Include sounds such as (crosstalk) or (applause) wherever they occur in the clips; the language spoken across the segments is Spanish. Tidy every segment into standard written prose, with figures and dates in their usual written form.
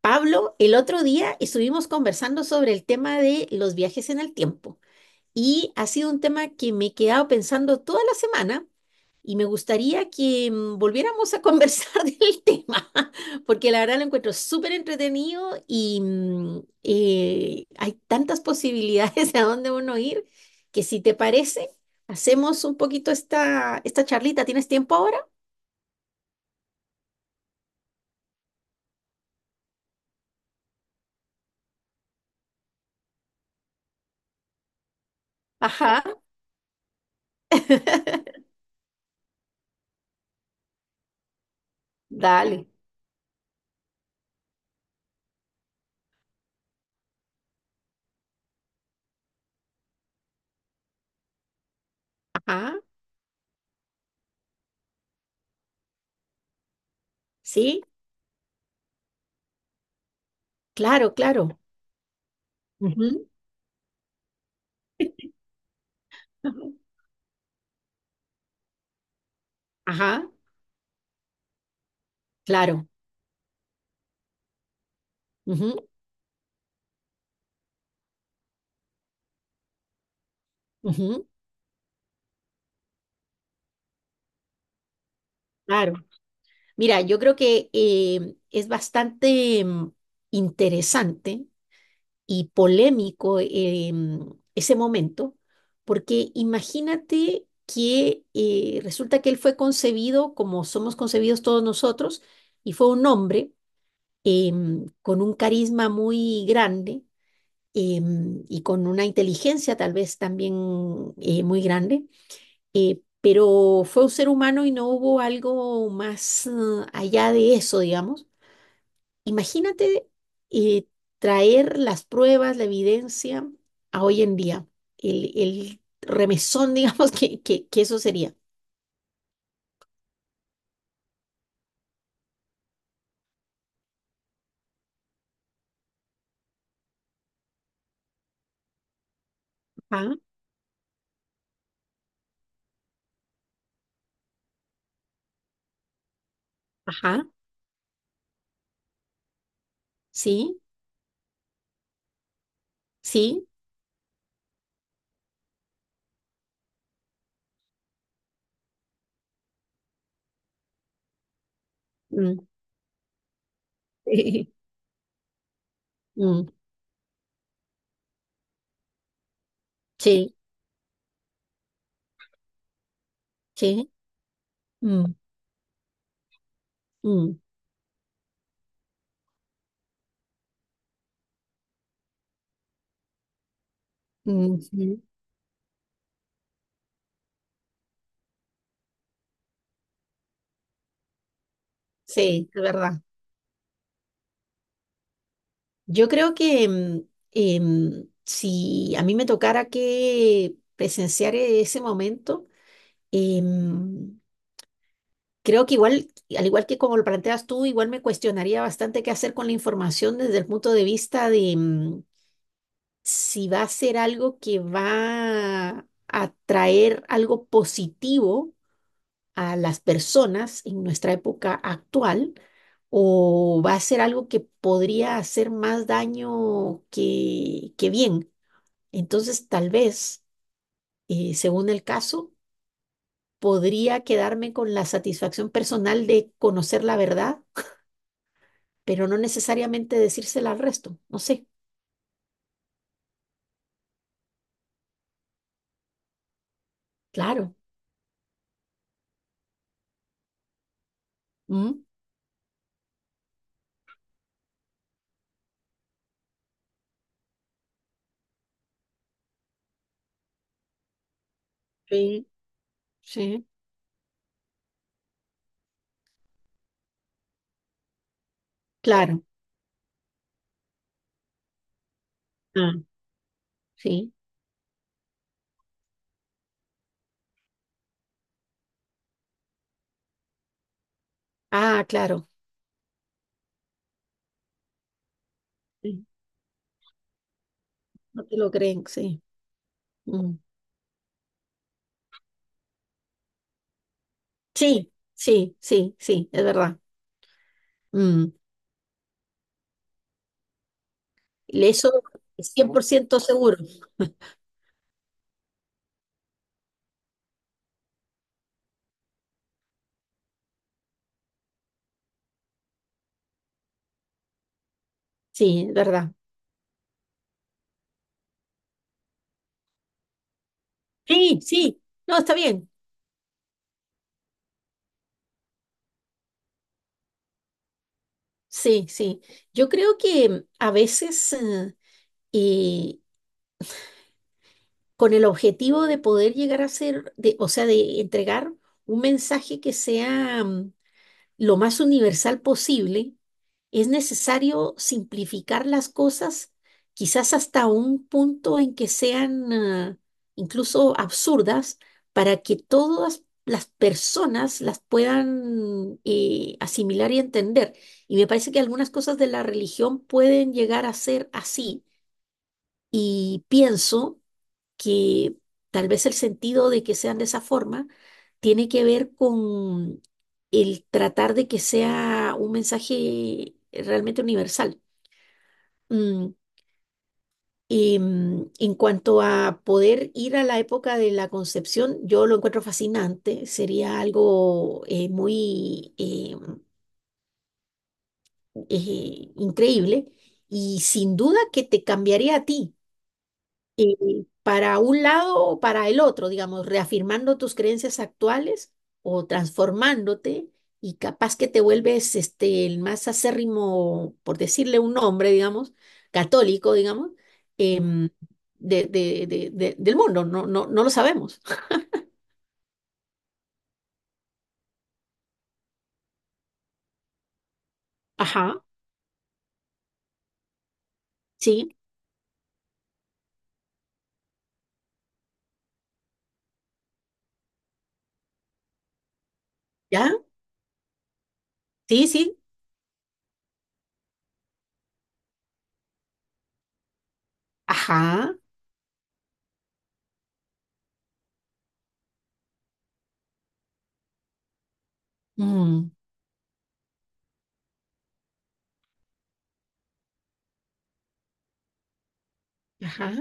Pablo, el otro día estuvimos conversando sobre el tema de los viajes en el tiempo y ha sido un tema que me he quedado pensando toda la semana y me gustaría que volviéramos a conversar (laughs) del tema, porque la verdad lo encuentro súper entretenido y hay tantas posibilidades (laughs) a dónde uno ir que si te parece, hacemos un poquito esta charlita. ¿Tienes tiempo ahora? Ajá. (laughs) Dale. Ajá. Sí, claro, claro. Ujú, ujú. Ajá, claro. Ujú, ujú, claro. Mira, yo creo que es bastante interesante y polémico ese momento, porque imagínate que resulta que él fue concebido como somos concebidos todos nosotros, y fue un hombre con un carisma muy grande y con una inteligencia tal vez también muy grande, pero fue un ser humano y no hubo algo más allá de eso, digamos. Imagínate, eh, traer las pruebas, la evidencia a hoy en día, el remesón, (laughs) digamos, que eso sería. Ajá, ajá, sí, sí, mm, (laughs) mm, sí, sí, mm, mm, mm, sí, es verdad. Yo creo que si a mí me tocara que presenciar ese momento, em, creo que igual, al igual que como lo planteas tú, igual me cuestionaría bastante qué hacer con la información desde el punto de vista de si va a ser algo que va a traer algo positivo a las personas en nuestra época actual o va a ser algo que podría hacer más daño que bien. Entonces, tal vez, según el caso, podría quedarme con la satisfacción personal de conocer la verdad, pero no necesariamente decírsela al resto. No sé, claro. Mm, sí, sí, claro. Ah, sí. Ah, claro. Sí, no te lo creen, sí. Mm. Sí, sí, sí, sí, es verdad. Mm, eso es 100% seguro. Sí, es verdad. Sí, sí. No, está bien. Sí, sí. Yo creo que a veces eh, con el objetivo de poder llegar a ser, de, o sea, de entregar un mensaje que sea lo más universal posible, es necesario simplificar las cosas, quizás hasta un punto en que sean incluso absurdas, para que todas las personas las puedan asimilar y entender. Y me parece que algunas cosas de la religión pueden llegar a ser así. Y pienso que tal vez el sentido de que sean de esa forma tiene que ver con el tratar de que sea un mensaje realmente universal. Mm, y en cuanto a poder ir a la época de la concepción, yo lo encuentro fascinante, sería algo muy increíble y sin duda que te cambiaría a ti. Y para un lado o para el otro, digamos, reafirmando tus creencias actuales o transformándote, y capaz que te vuelves este, el más acérrimo, por decirle un nombre, digamos, católico, digamos, em, de, del mundo, no, no, no lo sabemos. Ajá, sí, ya, sí, sí, ajá, mm, ajá,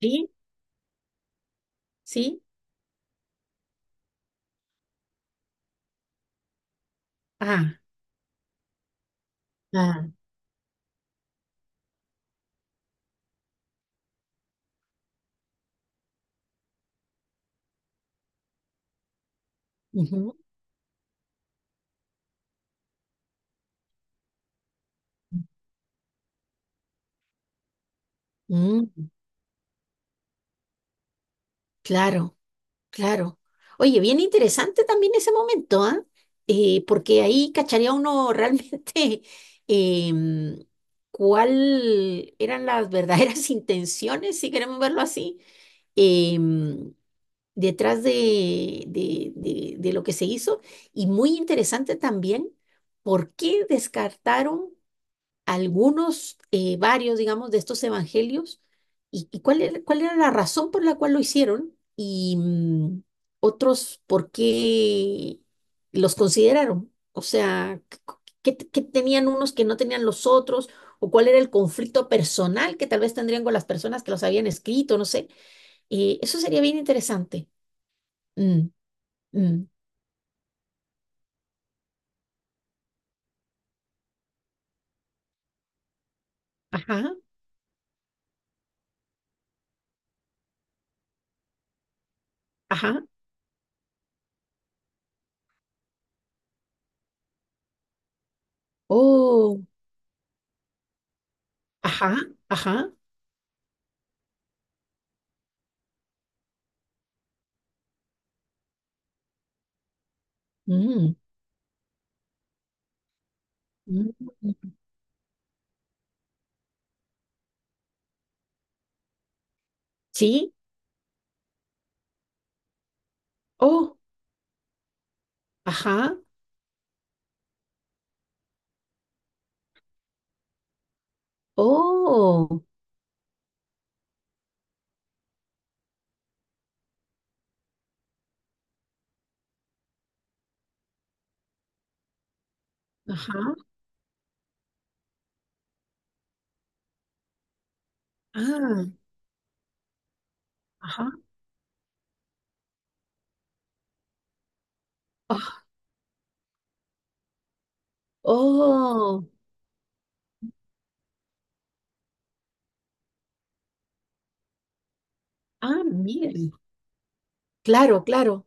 sí, sí, ah, ah, ujú, mm, claro. Claro. Oye, bien interesante también ese momento, ¿ah? Porque ahí cacharía uno realmente (laughs) em, cuál eran las verdaderas (laughs) intenciones, si queremos verlo así, em, detrás de- lo que se hizo. Y muy interesante también por qué descartaron algunos, varios, digamos, de estos evangelios y cuál era la razón por la cual lo hicieron y otros por qué los consideraron. O sea, ¿qué, qué tenían unos que no tenían los otros? ¿O cuál era el conflicto personal que tal vez tendrían con las personas que los habían escrito? No sé. Eso sería bien interesante. Mm, mm, ajá, ajá. Oh, ajá, ajá. Mm, mm, sí. Oh. Ajá. Oh, ajá. Ah, ajá. Ah, oh, ah, miren. Claro, claro.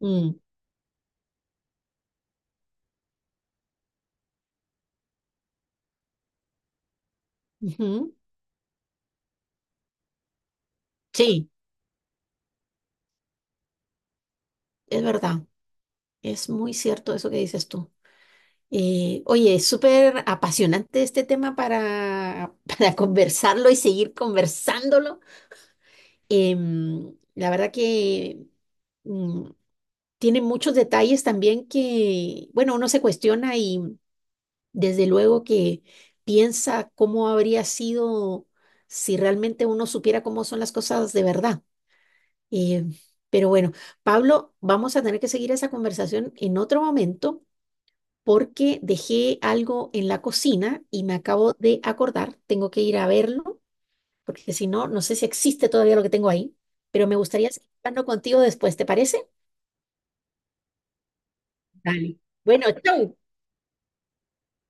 Mm, ujú. Sí, es verdad. Es muy cierto eso que dices tú. Oye, es súper apasionante este tema para (laughs) para conversarlo y seguir conversándolo. Em, la verdad que mm, tiene muchos detalles también que, bueno, uno se cuestiona. Desde luego que piensa cómo habría sido si realmente uno supiera cómo son las cosas de verdad. Eh, pero bueno, Pablo, vamos a tener que seguir esa conversación en otro momento porque dejé algo en la cocina y me acabo de acordar, tengo que ir a verlo, porque si no, no sé si existe todavía lo que tengo ahí, pero me gustaría seguir hablando contigo después, ¿te parece? Dale. Bueno, chau.